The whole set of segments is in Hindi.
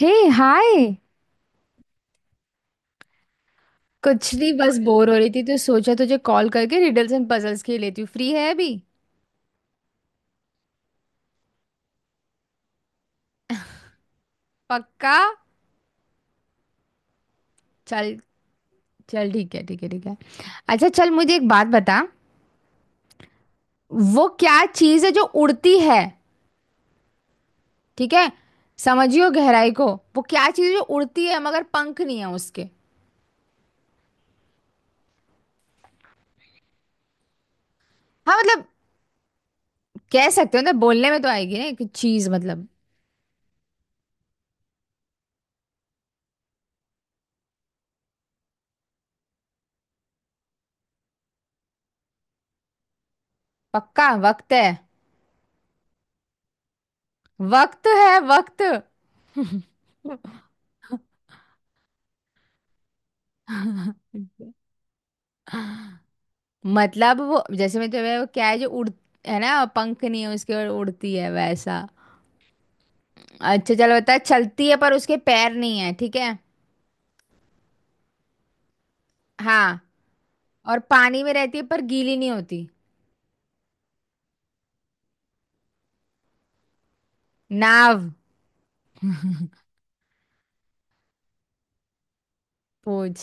हे। हाय। कुछ नहीं, बस बोर हो रही थी तो सोचा तुझे कॉल करके रिडल्स एंड पजल्स खेल लेती हूँ। फ्री है अभी? पक्का? चल, चल ठीक है, ठीक है ठीक है। अच्छा चल, मुझे एक बात बता, वो क्या चीज़ है जो उड़ती है? ठीक है, समझियो गहराई को। वो क्या चीज़ है जो उड़ती है मगर पंख नहीं है उसके? हाँ मतलब, कह सकते हो ना, बोलने में तो आएगी ना एक चीज़, मतलब। पक्का वक्त है। वक्त है, वक्त ठीक है। मतलब वो जैसे मैं तुम्हें, वो क्या है जो उड़, है ना, पंख नहीं है उसके और उड़ती है, वैसा। अच्छा चलो बता, चलती है पर उसके पैर नहीं है, ठीक है। हाँ। और पानी में रहती है पर गीली नहीं होती। नाव। पूछ।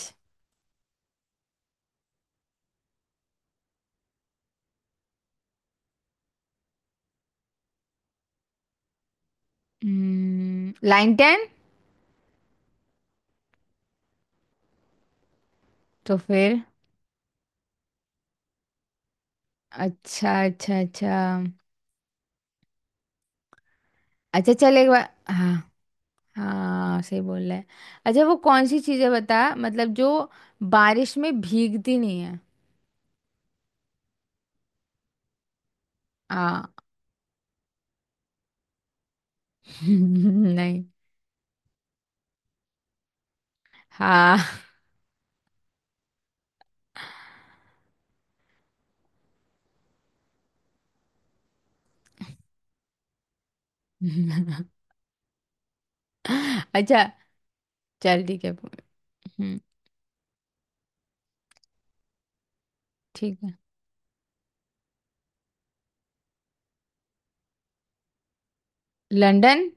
Line ten. तो फिर? अच्छा अच्छा अच्छा। अच्छा चल एक बार, हाँ। हाँ सही बोल रहा है। अच्छा वो कौन सी चीज़ है बता, मतलब जो बारिश में भीगती नहीं है। हाँ। नहीं। हाँ। अच्छा। चल ठीक है। हम्म। ठीक है। लंदन।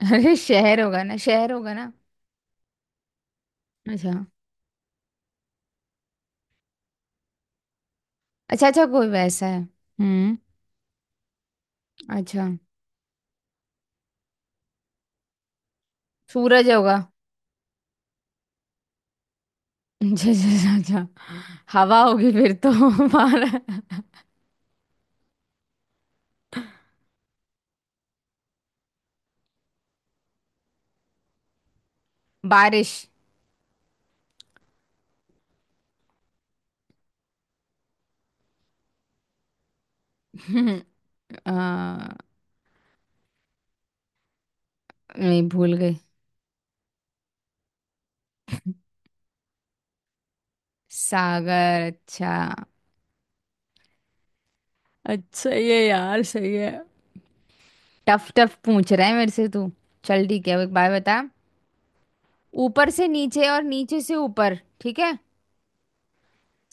अरे शहर होगा ना, शहर होगा ना। अच्छा अच्छा अच्छा, कोई वैसा है। हम्म। अच्छा। सूरज होगा। अच्छा अच्छा अच्छा। अच्छा। हवा होगी फिर तो। बार- बारिश। हम्म, आ, नहीं भूल गई। सागर। अच्छा। अच्छा ये यार सही है। टफ टफ पूछ रहा है मेरे से तू। चल ठीक है, अब एक बात बता। ऊपर से नीचे और नीचे से ऊपर, ठीक है।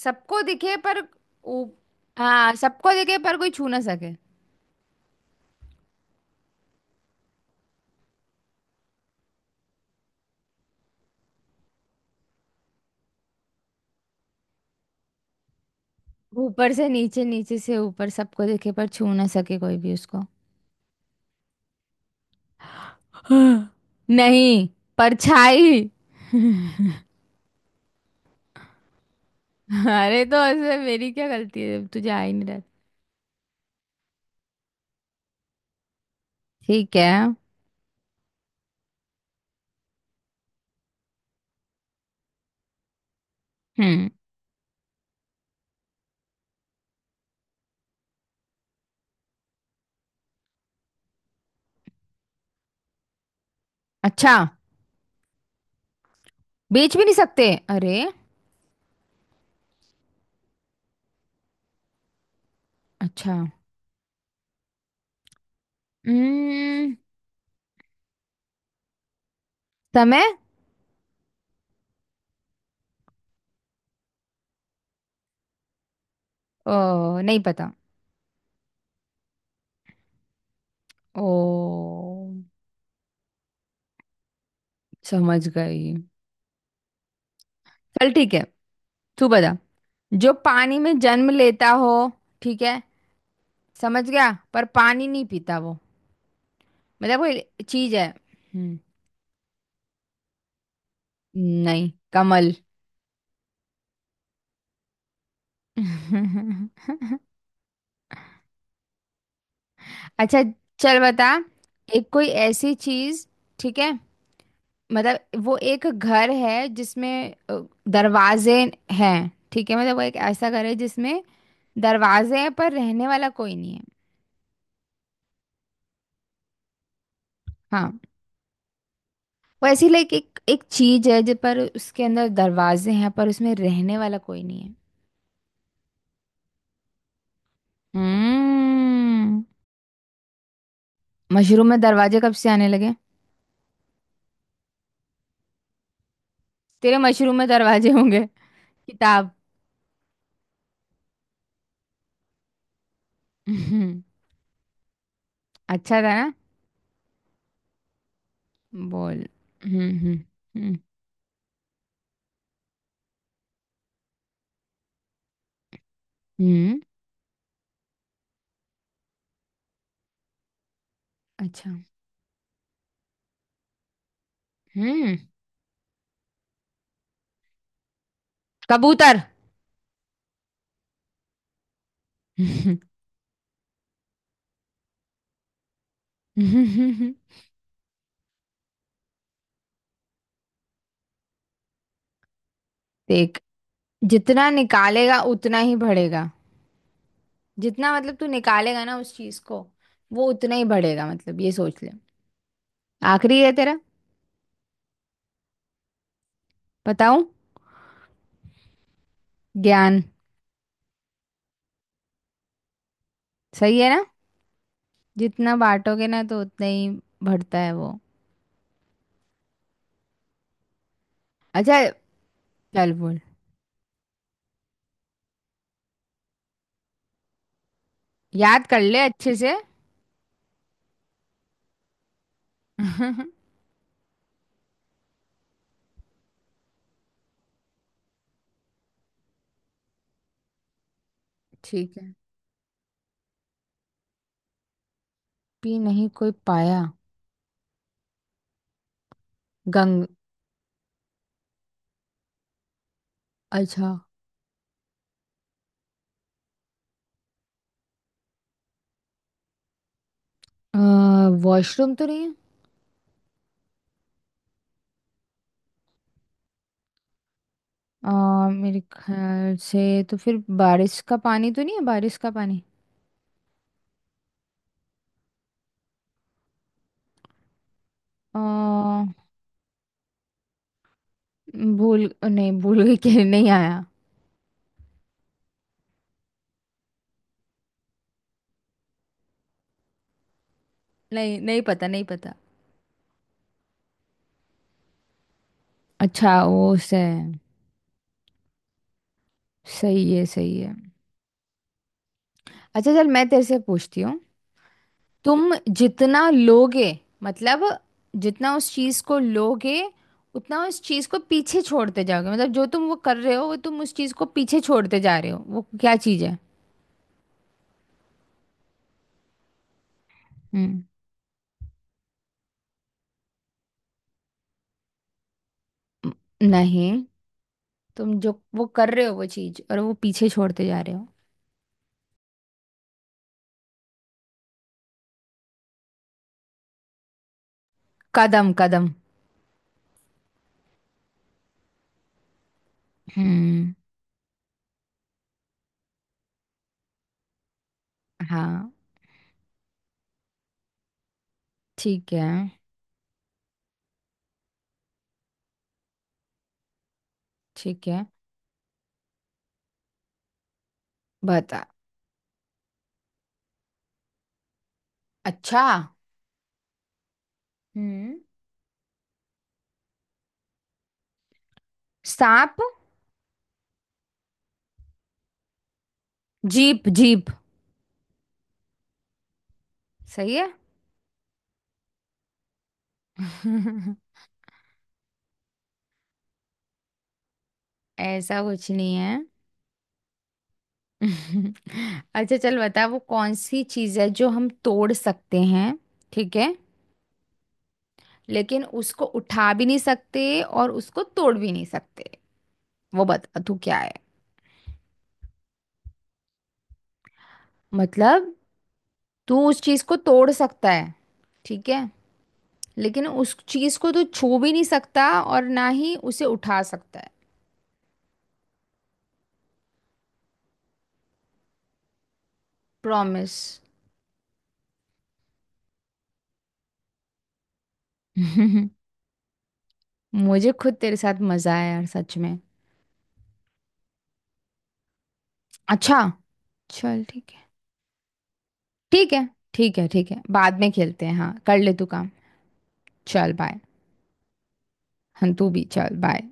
सबको दिखे पर, ऊ- हाँ सबको दिखे पर कोई छू ना सके। ऊपर से नीचे, नीचे से ऊपर, सबको दिखे पर छू ना सके कोई भी उसको। नहीं। परछाई। अरे तो ऐसे मेरी क्या गलती है जब तुझे आ ही नहीं रहा। ठीक है। हम्म। अच्छा। बेच भी नहीं सकते, अरे। अच्छा। हम्म। समय। ओ नहीं पता। ओ समझ गई। चल ठीक है। तू बता, जो पानी में जन्म लेता हो, ठीक है, समझ गया पर पानी नहीं पीता वो, मतलब कोई चीज है। नहीं। कमल। अच्छा चल बता, एक कोई ऐसी चीज, ठीक है, मतलब वो एक घर है जिसमें अ, दरवाजे हैं, ठीक है, मतलब वो एक ऐसा घर है जिसमें दरवाजे हैं पर रहने वाला कोई नहीं है। हाँ। वो ऐसी लाइक एक एक चीज है जिस पर उसके अंदर दरवाजे हैं पर उसमें रहने वाला कोई नहीं है। हम्म। मशरूम में दरवाजे कब से आने लगे? तेरे मशरूम में दरवाजे होंगे। किताब। हम्म, अच्छा था ना। बोल। हम्म हम्म हम्म। हम्म, अच्छा। हम्म। कबूतर। हम्म, देख, जितना निकालेगा उतना ही बढ़ेगा। जितना मतलब तू निकालेगा ना उस चीज को, वो उतना ही बढ़ेगा, मतलब ये सोच ले। आखिरी है तेरा। बताऊं? ज्ञान। सही है ना, जितना बांटोगे ना तो उतना ही बढ़ता है वो। अच्छा। चल बोल, याद कर ले अच्छे से। ठीक है। पी नहीं कोई पाया। गंग। अच्छा, वॉशरूम तो नहीं है? मेरे ख्याल से तो फिर बारिश का पानी तो नहीं है, बारिश का पानी। अ, भूल नहीं, भूल गई कि नहीं आया। नहीं, नहीं पता, नहीं पता। अच्छा, वो से सही है, सही है। अच्छा चल मैं तेरे से पूछती हूँ। तुम जितना लोगे, मतलब जितना उस चीज को लोगे, उतना उस चीज को पीछे छोड़ते जाओगे, मतलब जो तुम वो कर रहे हो, वो तुम उस चीज को पीछे छोड़ते जा रहे हो, वो क्या चीज है? हम्म। म- नहीं, तुम जो वो कर रहे हो वो चीज, और वो पीछे छोड़ते जा रहे हो। कदम कदम। हम्म हाँ ठीक है। ठीक है बता। अच्छा। हम्म। सांप। Jeep jeep. सही है। ऐसा कुछ नहीं है। अच्छा चल बता, वो कौन सी चीज है जो हम तोड़ सकते हैं, ठीक है, लेकिन उसको उठा भी नहीं सकते और उसको तोड़ भी नहीं सकते। वो बता तू क्या है। मतलब तू उस चीज को तोड़ सकता है, ठीक है, लेकिन उस चीज को तू छू भी नहीं सकता और ना ही उसे उठा सकता है। प्रॉमिस। मुझे खुद तेरे साथ मजा आया यार, सच में। अच्छा। चल ठीक है। ठीक है ठीक है, ठीक है बाद में खेलते हैं, हाँ कर ले तू काम। चल बाय। 很杜比，चल बाय।